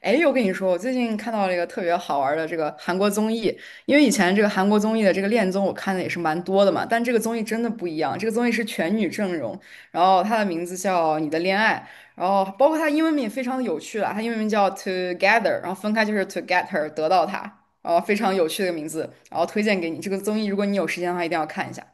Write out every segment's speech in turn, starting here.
哎，我跟你说，我最近看到了一个特别好玩儿的这个韩国综艺，因为以前这个韩国综艺的这个恋综我看的也是蛮多的嘛，但这个综艺真的不一样，这个综艺是全女阵容，然后它的名字叫《你的恋爱》，然后包括它英文名也非常的有趣啦，它英文名叫 Together，然后分开就是 To Get Her，得到它，然后非常有趣的一个名字，然后推荐给你，这个综艺如果你有时间的话一定要看一下。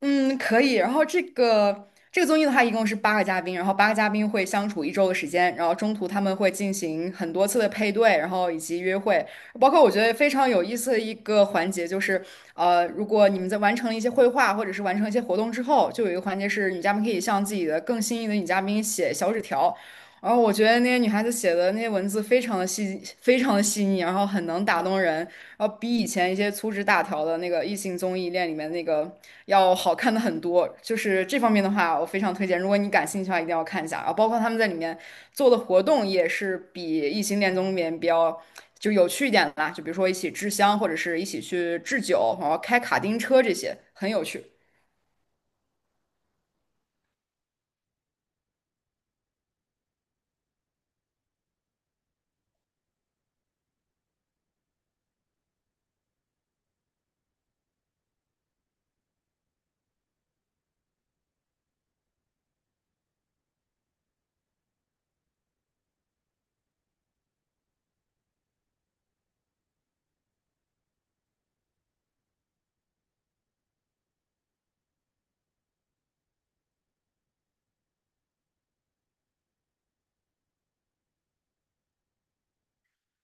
嗯，可以。然后这个综艺的话，一共是八个嘉宾，然后八个嘉宾会相处一周的时间，然后中途他们会进行很多次的配对，然后以及约会。包括我觉得非常有意思的一个环节就是，如果你们在完成了一些绘画或者是完成一些活动之后，就有一个环节是女嘉宾可以向自己的更心仪的女嘉宾写小纸条。然后我觉得那些女孩子写的那些文字非常的细，非常的细腻，然后很能打动人，然后比以前一些粗制大条的那个异性综艺恋里面那个。要好看的很多。就是这方面的话，我非常推荐，如果你感兴趣的话，一定要看一下啊。包括他们在里面做的活动也是比《异形恋综里面比较就有趣一点的啦，就比如说一起制香，或者是一起去制酒，然后开卡丁车这些，很有趣。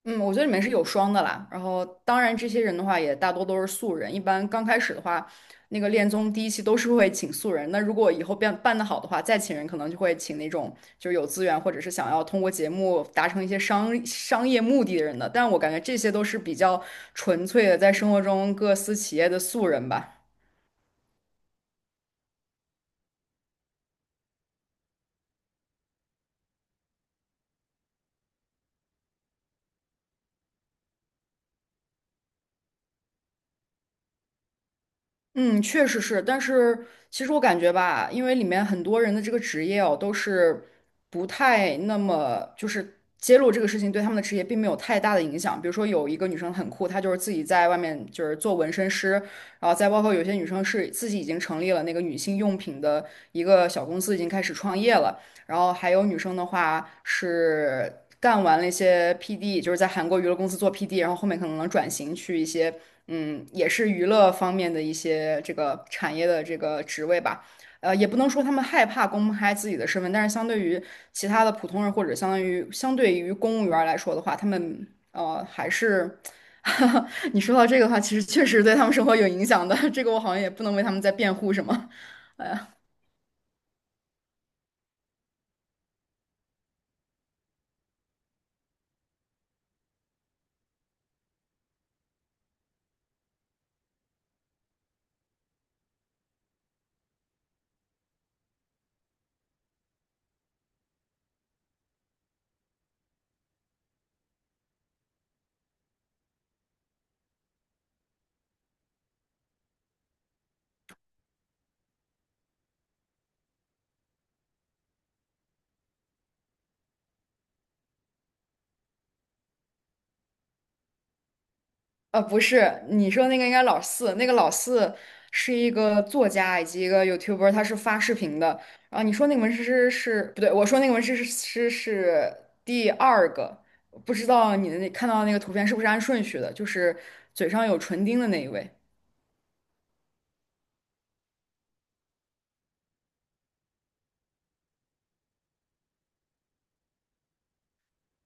嗯，我觉得里面是有双的啦。然后，当然这些人的话也大多都是素人。一般刚开始的话，那个恋综第一期都是会请素人。那如果以后变办得好的话，再请人可能就会请那种就是有资源或者是想要通过节目达成一些商业目的的人的。但我感觉这些都是比较纯粹的，在生活中各司其业的素人吧。嗯，确实是，但是其实我感觉吧，因为里面很多人的这个职业哦，都是不太那么就是揭露这个事情对他们的职业并没有太大的影响。比如说有一个女生很酷，她就是自己在外面就是做纹身师，然后再包括有些女生是自己已经成立了那个女性用品的一个小公司，已经开始创业了。然后还有女生的话是干完了一些 PD，就是在韩国娱乐公司做 PD，然后后面可能能转型去一些。嗯，也是娱乐方面的一些这个产业的这个职位吧。呃，也不能说他们害怕公开自己的身份，但是相对于其他的普通人或者相当于相对于公务员儿来说的话，他们还是，你说到这个的话，其实确实对他们生活有影响的。这个我好像也不能为他们在辩护什么。不是，你说那个应该老四，那个老四是一个作家以及一个 YouTuber，他是发视频的。然后你说那个纹身师是不对，我说那个纹身师是第二个，不知道你的那看到的那个图片是不是按顺序的？就是嘴上有唇钉的那一位，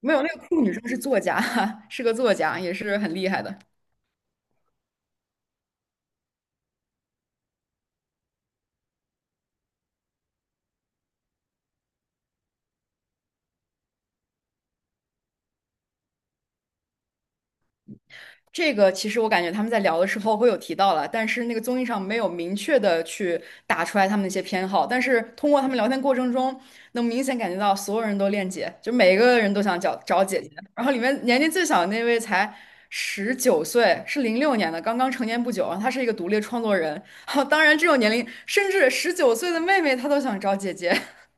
没有，那个酷女生是作家，是个作家，也是很厉害的。这个其实我感觉他们在聊的时候会有提到了，但是那个综艺上没有明确的去打出来他们的一些偏好，但是通过他们聊天过程中，能明显感觉到所有人都恋姐，就每一个人都想找姐姐。然后里面年龄最小的那位才十九岁，是06年的，刚刚成年不久，然后他是一个独立创作人。当然，这种年龄，甚至十九岁的妹妹她都想找姐姐。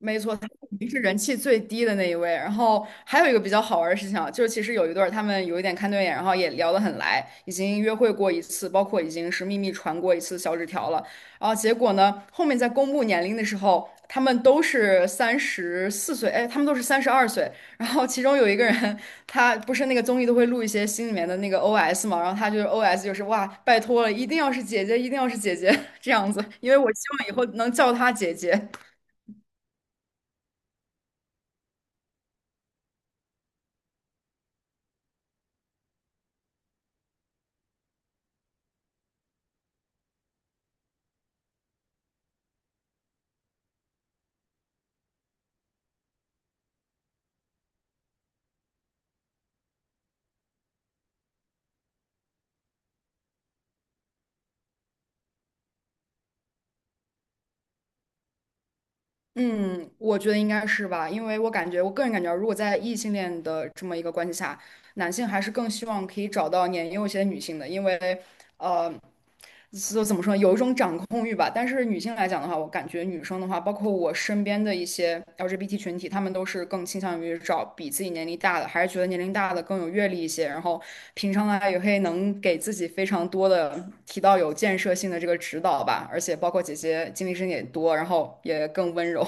没错，他肯定是人气最低的那一位。然后还有一个比较好玩的事情啊，就是其实有一对儿他们有一点看对眼，然后也聊得很来，已经约会过一次，包括已经是秘密传过一次小纸条了。然后结果呢，后面在公布年龄的时候，他们都是34岁，哎，他们都是32岁。然后其中有一个人，他不是那个综艺都会录一些心里面的那个 OS 嘛，然后他就是 OS 就是哇，拜托了，一定要是姐姐，一定要是姐姐 这样子，因为我希望以后能叫她姐姐。我觉得应该是吧，因为我感觉，我个人感觉啊，如果在异性恋的这么一个关系下，男性还是更希望可以找到年幼一些的女性的，因为，呃，就怎么说呢有一种掌控欲吧。但是女性来讲的话，我感觉女生的话，包括我身边的一些 LGBT 群体，她们都是更倾向于找比自己年龄大的，还是觉得年龄大的更有阅历一些，然后平常呢也会能给自己非常多的提到有建设性的这个指导吧，而且包括姐姐经历深也多，然后也更温柔。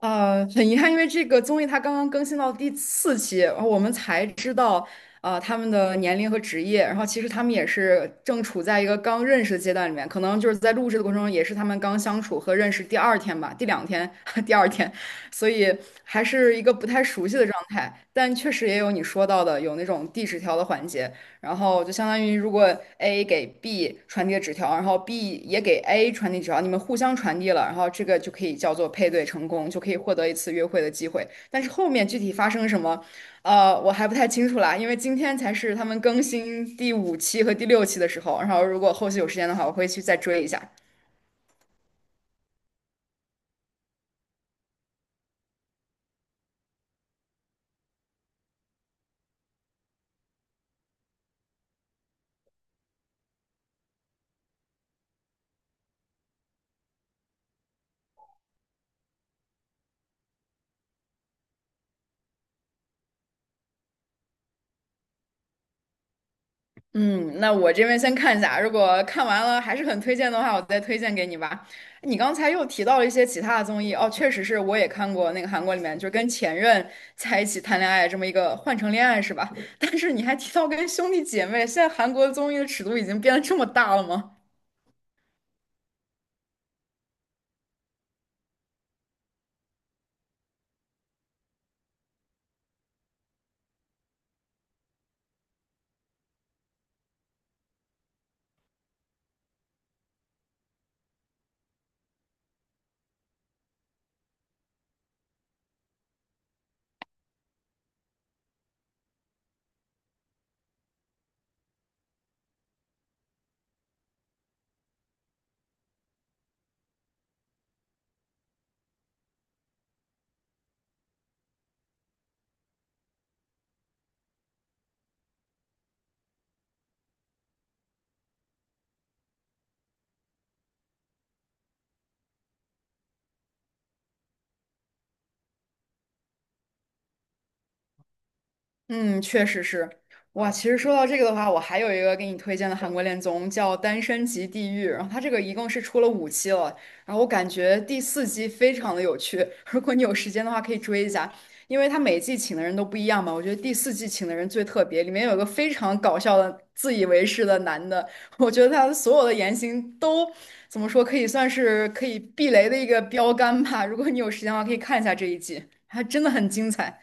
很遗憾，因为这个综艺它刚刚更新到第四期，然后我们才知道，他们的年龄和职业。然后其实他们也是正处在一个刚认识的阶段里面，可能就是在录制的过程中，也是他们刚相处和认识第二天吧，第两天，第二天，所以还是一个不太熟悉的状态。但确实也有你说到的，有那种递纸条的环节。然后就相当于如果 A 给 B 传递了纸条，然后 B 也给 A 传递纸条，你们互相传递了，然后这个就可以叫做配对成功，就可以获得一次约会的机会。但是后面具体发生什么，我还不太清楚啦，因为今天才是他们更新第五期和第六期的时候，然后如果后续有时间的话，我会去再追一下。嗯，那我这边先看一下，如果看完了还是很推荐的话，我再推荐给你吧。你刚才又提到了一些其他的综艺，哦，确实是我也看过那个韩国里面，就是跟前任在一起谈恋爱这么一个换乘恋爱是吧？但是你还提到跟兄弟姐妹，现在韩国综艺的尺度已经变得这么大了吗？嗯，确实是。哇，其实说到这个的话，我还有一个给你推荐的韩国恋综叫《单身即地狱》，然后它这个一共是出了五期了，然后我感觉第四季非常的有趣，如果你有时间的话可以追一下，因为它每季请的人都不一样嘛，我觉得第四季请的人最特别，里面有一个非常搞笑的自以为是的男的，我觉得他所有的言行都怎么说，可以算是可以避雷的一个标杆吧。如果你有时间的话，可以看一下这一季，还真的很精彩。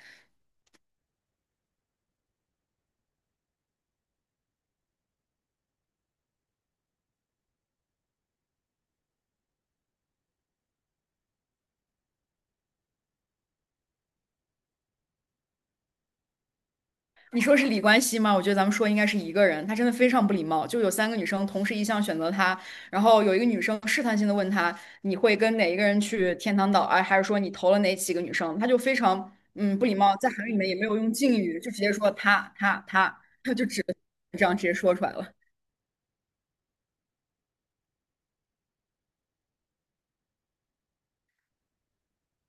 你说是李冠希吗？我觉得咱们说应该是一个人，他真的非常不礼貌。就有三个女生同时一项选择他，然后有一个女生试探性的问他，你会跟哪一个人去天堂岛啊？还是说你投了哪几个女生？他就非常不礼貌，在韩语里面也没有用敬语，就直接说他 就只这样直接说出来了。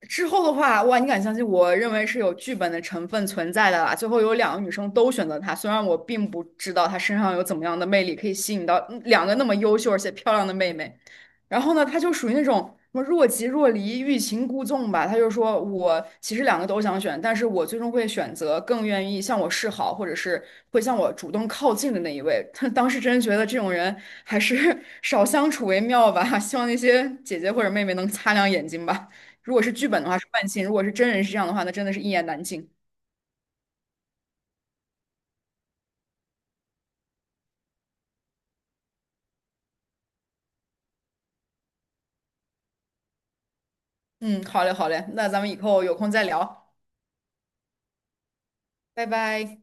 之后的话，哇，你敢相信？我认为是有剧本的成分存在的啦。最后有两个女生都选择他，虽然我并不知道他身上有怎么样的魅力可以吸引到两个那么优秀而且漂亮的妹妹。然后呢，他就属于那种什么若即若离、欲擒故纵吧。他就说我其实两个都想选，但是我最终会选择更愿意向我示好，或者是会向我主动靠近的那一位。当时真觉得这种人还是 少相处为妙吧。希望那些姐姐或者妹妹能擦亮眼睛吧。如果是剧本的话是万幸，如果是真人是这样的话，那真的是一言难尽。嗯，好嘞，好嘞，那咱们以后有空再聊，拜拜。